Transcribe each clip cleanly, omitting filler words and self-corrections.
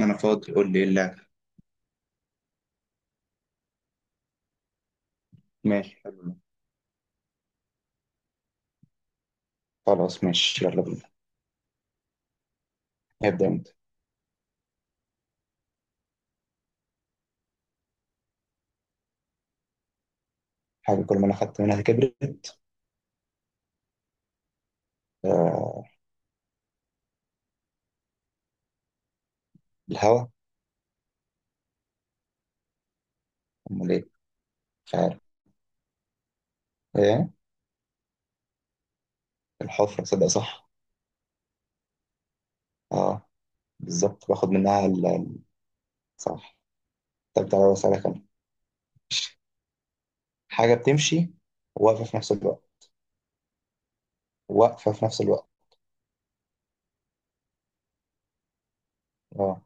انا فاضي، قول لي ايه اللعبه؟ ماشي، حلو ده. خلاص ماشي، يلا بينا. هبدأ انت. حاجه كل ما انا خدت منها كبرت. آه، الهوا. امال ايه؟ مش عارف. ايه؟ الحفره، صدق صح. اه بالظبط، باخد منها صح. طب تعالى اسالك انا. حاجه بتمشي واقفه في نفس الوقت، واقفه في نفس الوقت. اه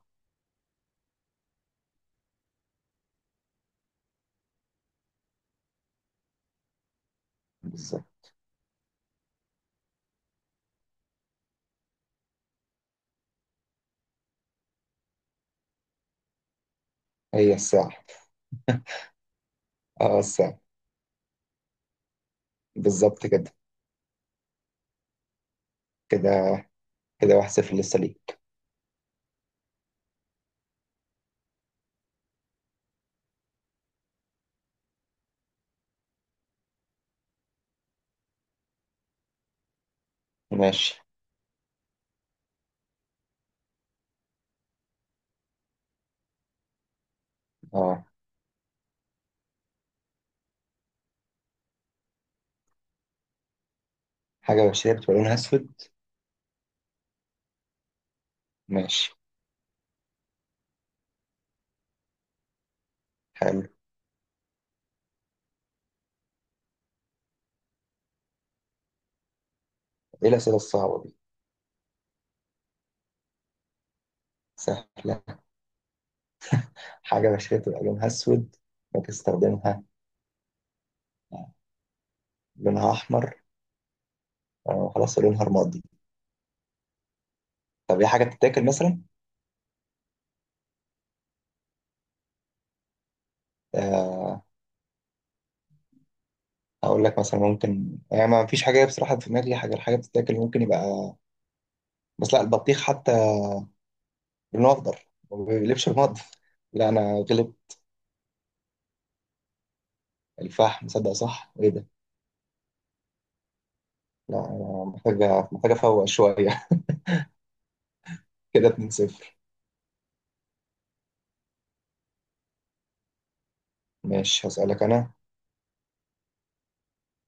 بالظبط. هي الساعه. اه الساعه، بالظبط كده. كده كده 1-0 لسه ليك. ماشي. اه حاجه بشريه بتبقى لونها اسود. ماشي، حلو. ايه الاسئله الصعبه دي؟ سهلة. حاجة بشرتها لونها أسود، بتستخدمها لونها أحمر، خلاص لونها رمادي. طب هي حاجة بتتاكل مثلا؟ آه، أقول لك مثلا، ممكن يعني ما فيش حاجة، بصراحة في دماغي حاجة، الحاجة بتتاكل ممكن يبقى. بس لا، البطيخ حتى لونه أخضر ما بيقلبش رمادي. لا أنا غلب. الفحم، صدق صح، إيه ده؟ لا أنا محتاجة أفوق شوية. كده 2-0. ماشي، هسألك أنا.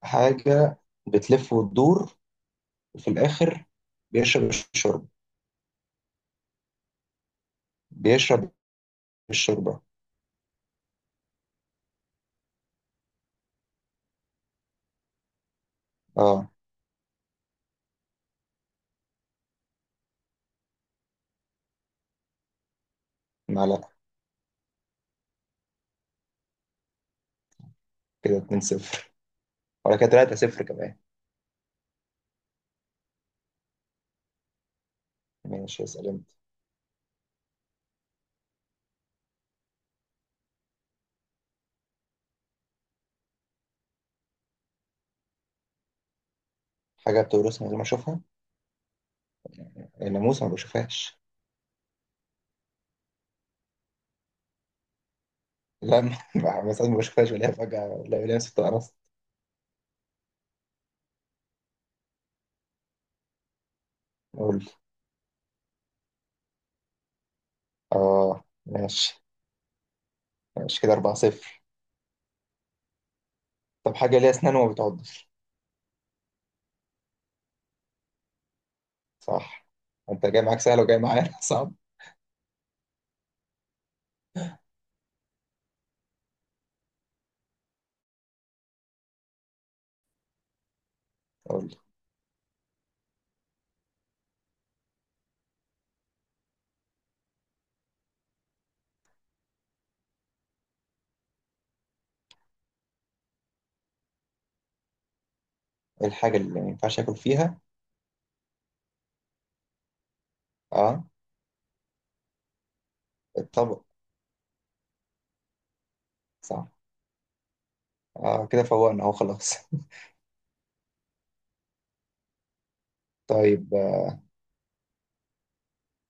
حاجة بتلف وتدور، وفي الآخر بيشرب الشرب بيشرب الشوربة. اه معلقة. كده 2-0 ولا كده 3-0 كمان. ماشي اسأل انت. حاجة بتورثها من غير ما اشوفها. الناموس ما بشوفهاش. لا ما ساعات ما بشوفهاش، ولا فجأة لا، ولا ست قرصت. قول لي. اه ماشي. ماشي كده 4-0. طب حاجة ليها اسنان وما بتعضش؟ صح. انت جاي معاك سهل وجاي معايا صعب. قول لي ايه الحاجة اللي ما ينفعش اكل فيها. اه الطبق، صح. اه كده فوقنا اهو خلاص. طيب، آه،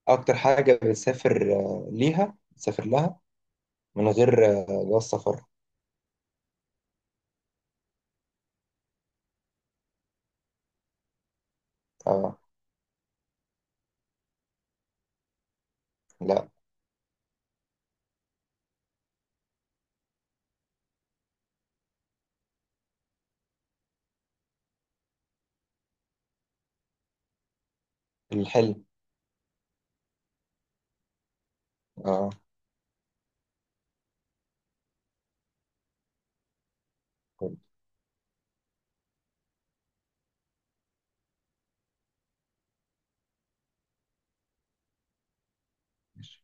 اكتر حاجة بتسافر آه، ليها بتسافر لها من غير جو السفر. آه لا، الحلم. آه. طيب. ماشي.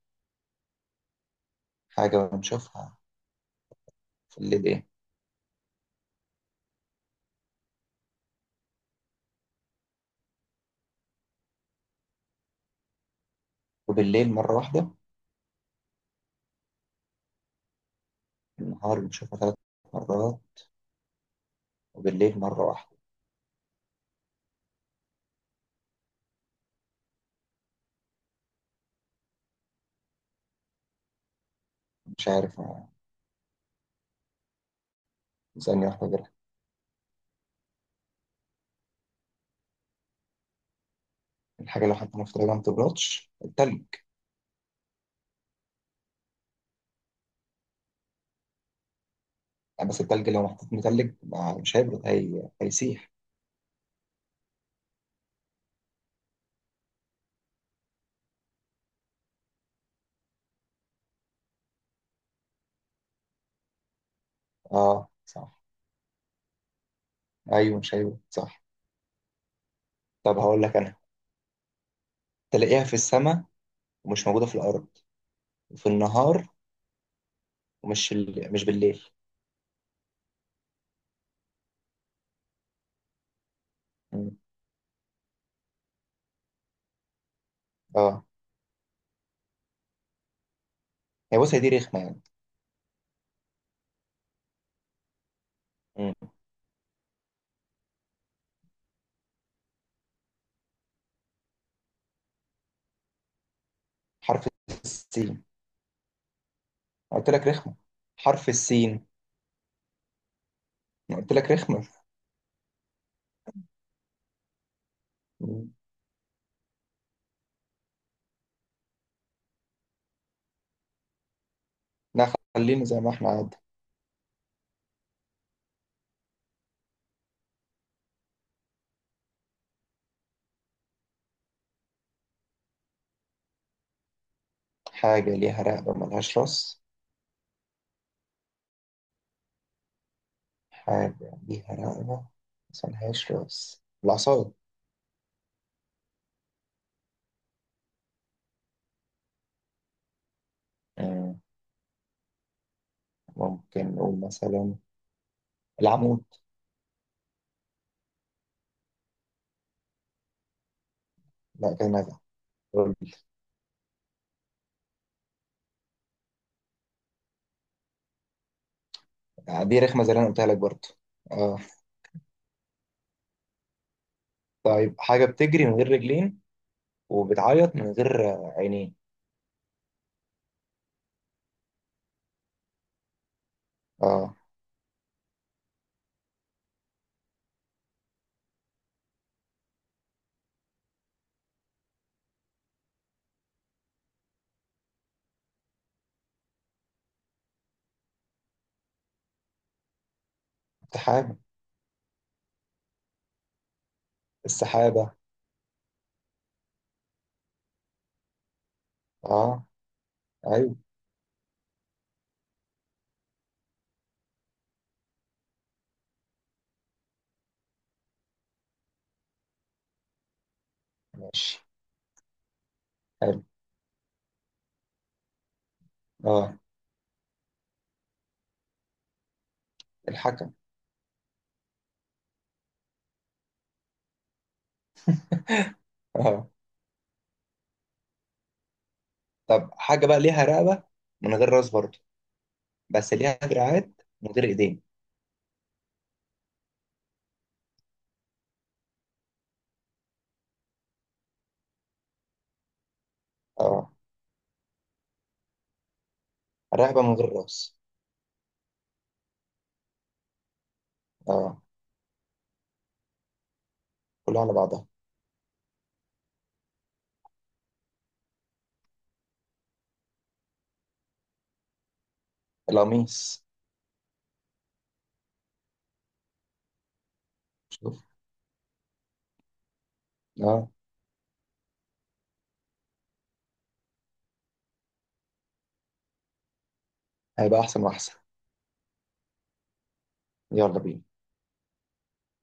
حاجة بنشوفها في الليل إيه؟ وبالليل مرة واحدة. النهار بنشوفها 3 مرات وبالليل مرة واحدة. مش عارف ثانية واحدة غيرها. الحاجة لو حطيناها في التلاجة ما بتبردش التلج. بس التلج لو محطوط متلج، مش هيبرد هيسيح. اه صح. أيوه مش هيبرد، صح. طب هقول لك أنا. تلاقيها في السماء ومش موجودة في الأرض، وفي النهار ومش ال... مش بالليل. مم. اه هي بص، هي دي رخمة يعني. مم. حرف السين. قلت لك رخمة حرف السين. قلت لك رخمة. مم. لا، خلينا زي ما احنا عاد. حاجة ليها رقبة ملهاش راس. حاجة ليها رقبة بس ملهاش راس، العصاية. مم. ممكن نقول مثلا العمود. لا كده نجا. قول لي. دي رخمة زي اللي أنا قلتها لك برضه. اه. طيب حاجة بتجري من غير رجلين وبتعيط من غير عينين. اه سحابة. السحابة. اه، ايوه. ماشي، حلو. اه الحاجة. اه طب حاجة بقى ليها رقبة من غير راس برضه، بس ليها دراعات من غير ايدين. اه رقبة من غير راس. اه كلها على بعضها. القميص. شوف. اه. هيبقى احسن واحسن. يلا بينا.